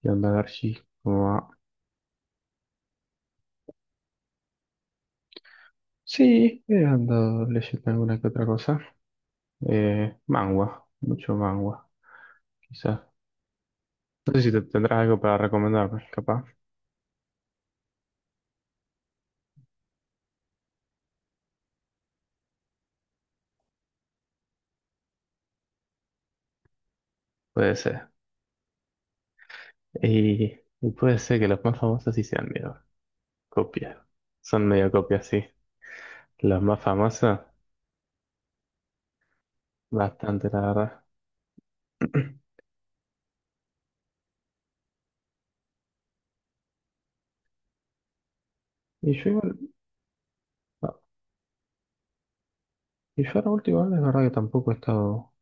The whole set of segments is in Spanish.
¿Qué onda, Garchi? ¿Cómo va? Sí, he andado leyendo alguna que otra cosa. Mangua, mucho mangua, quizás. No sé si te tendrás algo para recomendarme, capaz. Puede ser. Y puede ser que los más famosos sí sean medio copias. Son medio copias, sí. Los más famosos, bastante, la verdad. Y yo igual, no, y yo ahora último, es verdad que tampoco he estado, o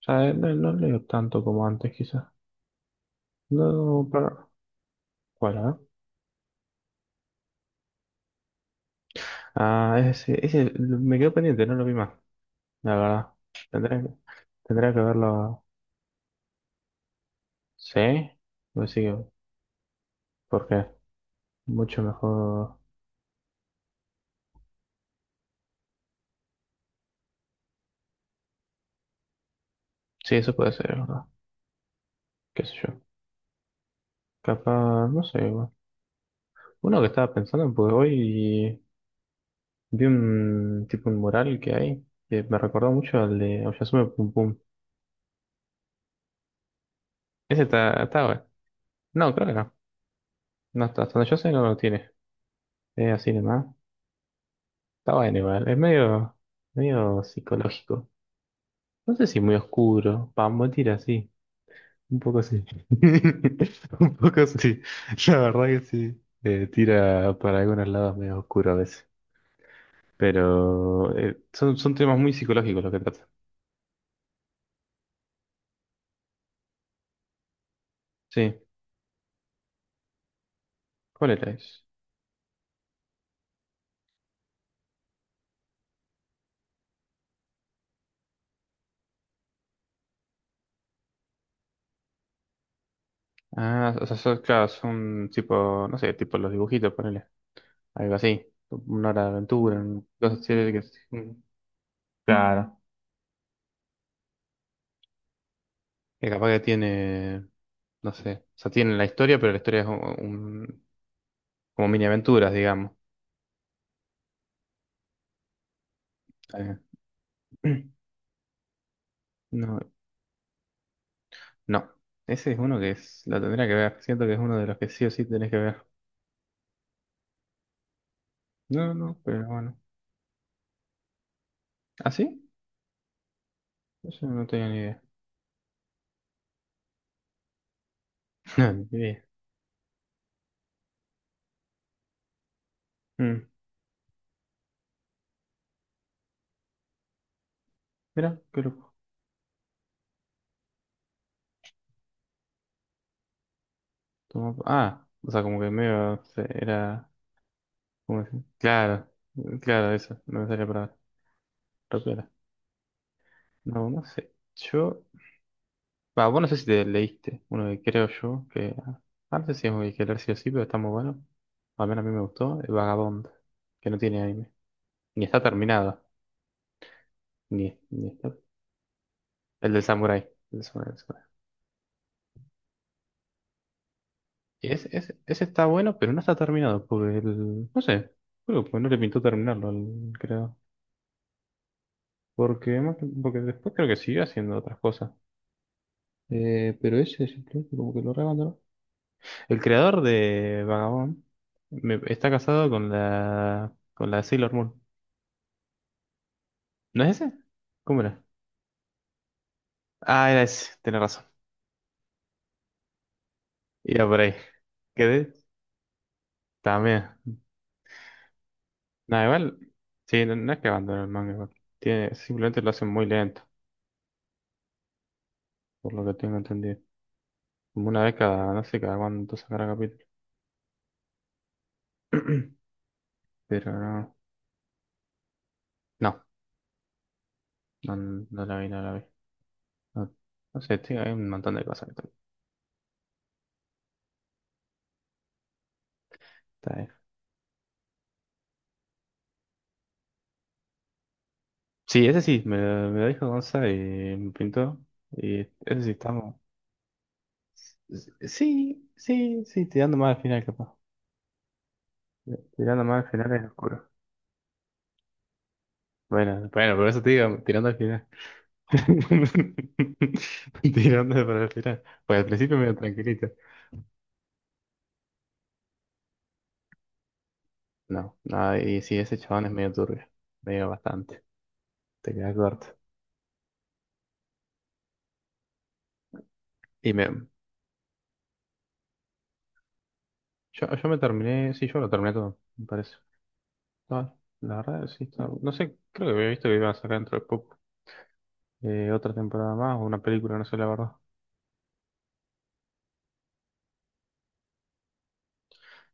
sea, no leo tanto como antes, quizás. No, pero, ¿cuál, eh? Ah, me quedó pendiente, no lo vi más, la verdad. Tendré, que- tendría que verlo. ¿Sí? Pues sí, porque mucho mejor. Sí, eso puede ser, es, ¿verdad? ¿Qué sé yo? Capaz, no sé. Bueno. Uno que estaba pensando, pues hoy vi un tipo un mural que hay que me recordó mucho al de Oyasume Pum Pum. Ese está bueno. No, creo que no. No, hasta donde yo sé no lo tiene. Es así nomás. Está bueno igual. Es medio psicológico. No sé si muy oscuro. Pambo tira, sí. Un poco sí. Un poco sí. La verdad que sí. Tira para algunos lados medio oscuro a veces. Pero son temas muy psicológicos los que trata. Sí. ¿Cuál era eso? Ah, o sea, son, claro, son tipo, no sé, tipo los dibujitos, ponele. Algo así. Una hora de aventura, cosas así que... un- Claro. Que capaz que tiene, no sé. O sea, tiene la historia, pero la historia es como mini aventuras, digamos. Mm. No, no. Ese es uno que es, lo tendría que ver. Siento que es uno de los que sí o sí tenés que ver. No, no, pero bueno. ¿Ah, sí? Eso no tenía ni idea. No, ni idea. Mm. Mira, qué loco. Ah, o sea, como que medio era. ¿Cómo decir? Claro, claro, eso. No me salía para rápida. No, no sé. Yo. Va, vos no sé si te leíste uno que creo yo que. Ah, no sé si es muy que leer sí o sí, pero está muy bueno. Al menos a mí me gustó. El Vagabond, que no tiene anime. Ni está terminado. Ni, ni está- El del Samurai. El del Samurai, el Samurai. Ese está bueno, pero no está terminado. Porque el. No sé. Creo que no le pintó terminarlo al creador. Porque después creo que siguió haciendo otras cosas. Pero ese simplemente como que lo re abandonó. El creador de Vagabond está casado con la. Sailor Moon. ¿No es ese? ¿Cómo era? Ah, era ese, tenés razón. Iba por ahí. Quedé también. Nada, igual, sí, no, no es que abandonen el manga, igual. Tiene, simplemente lo hacen muy lento, por lo que tengo entendido. Como una vez cada, no sé, cada cuánto sacará capítulo. Pero no, no, no, no la vi, no la vi. No, no sé, tío, hay un montón de cosas que está ahí. Sí, ese sí, me lo dijo Gonza y me pintó. Y ese sí, estamos. Sí, sí, sí, tirando más al final, capaz. Tirando más al final es oscuro. Bueno, bueno, por eso te digo, tirando al final. Tirando para el final. Pues al principio medio tranquilito. No, no, y sí, ese chabón es medio turbio. Medio bastante. Te quedas corto. Y me, yo me terminé, sí, yo lo terminé todo, me parece. No, la verdad, sí, no sé, creo que había visto que iban a sacar dentro de poco otra temporada más o una película, no sé la verdad.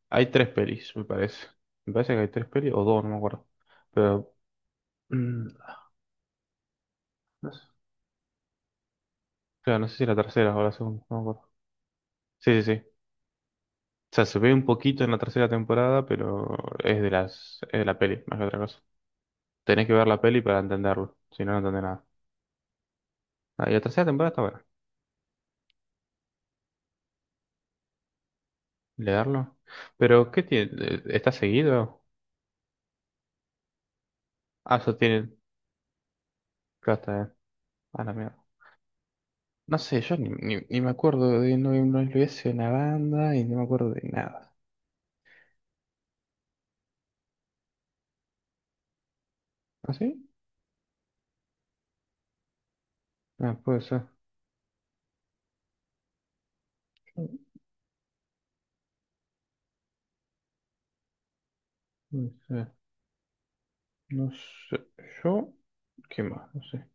Hay tres pelis, me parece. Me parece que hay tres pelis o dos, no me acuerdo. Pero, mm, no sé, claro, no sé si la tercera o la segunda, no me acuerdo. Sí, sí, sí. O sea, se ve un poquito en la tercera temporada, pero es de la peli, más que otra cosa. Tenés que ver la peli para entenderlo, si no, no entendés nada. Ah, y la tercera temporada está buena. Leerlo. Pero, ¿qué tiene? ¿Está seguido? Ah, eso tiene. Claro, está bien. Ah, la mierda. No sé, yo ni me acuerdo de no, no lo hice una banda y no me acuerdo de nada. ¿Ah, sí? Ah, puede ser. Yo, no sé. No sé. Yo. ¿Qué más? No sé.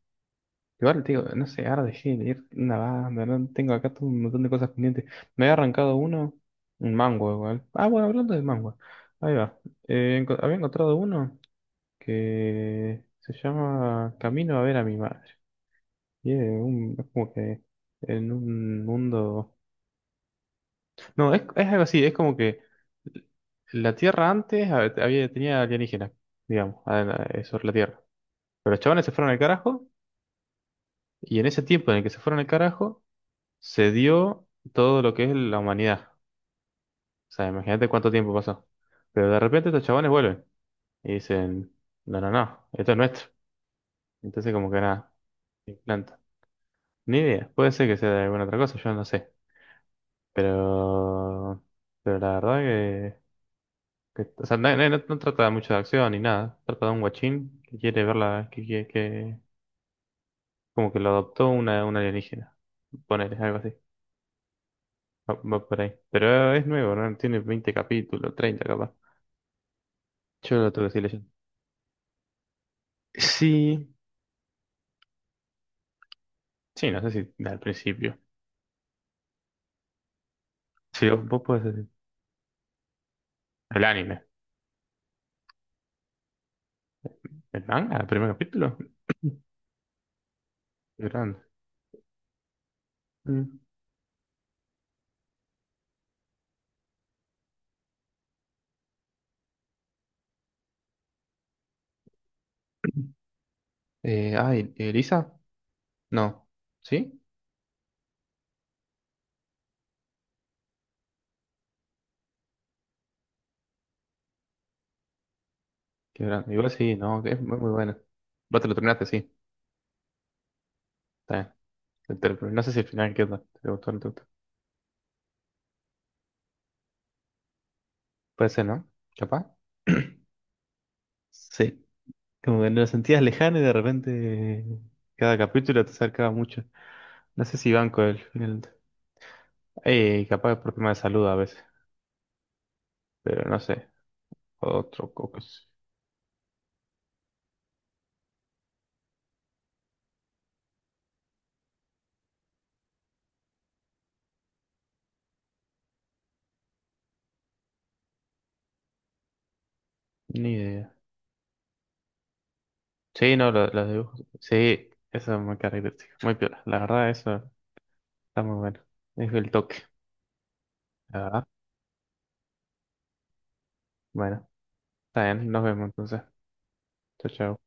Igual, tío, no sé, ahora dejé de leer una banda, ¿no? Tengo acá todo un montón de cosas pendientes. Me había arrancado uno, un manga igual. Ah, bueno, hablando de manga. Ahí va. Había encontrado uno que se llama Camino a ver a mi madre. Y es, es como que en un mundo... No, es algo así, es como que la Tierra antes había, tenía alienígenas, digamos, sobre la Tierra. Pero los chavales se fueron al carajo, y en ese tiempo en el que se fueron al carajo se dio todo lo que es la humanidad. O sea, imagínate cuánto tiempo pasó. Pero de repente estos chabones vuelven y dicen, no, no, no, esto es nuestro. Entonces como que nada, se implanta. Ni idea, puede ser que sea de alguna otra cosa, yo no sé. Pero, pero la verdad o sea, no trata mucho de acción ni nada. Trata de un guachín que quiere verla, que como que lo adoptó una alienígena. Ponele, algo así. Va por ahí. Pero es nuevo, ¿no? Tiene 20 capítulos, 30 capaz. Yo lo tuve Silent Hill. Sí, sí, no sé si al principio. Sí, vos podés decir. El anime. ¿El manga? ¿El primer capítulo? Qué grande. Mm. Ay, ¿Elisa? No. ¿Sí? Qué grande. Igual sí, no, que es muy, muy bueno. Vos te lo terminaste, sí. Está bien. No sé si al final qué onda. ¿Te gustó o no te gustó? Puede ser, ¿no? ¿Capaz? Sí, como que lo sentías lejano y de repente... Cada capítulo te acercaba mucho. No sé si banco el final. Capaz por tema de salud a veces, pero no sé. Otro cocos. Ni idea. Sí, no, los dibujos. Sí, eso es muy característico. Muy piola. La verdad, eso está muy bueno. Es el toque. La verdad. Bueno, está bien. Nos vemos entonces. Chao, chao.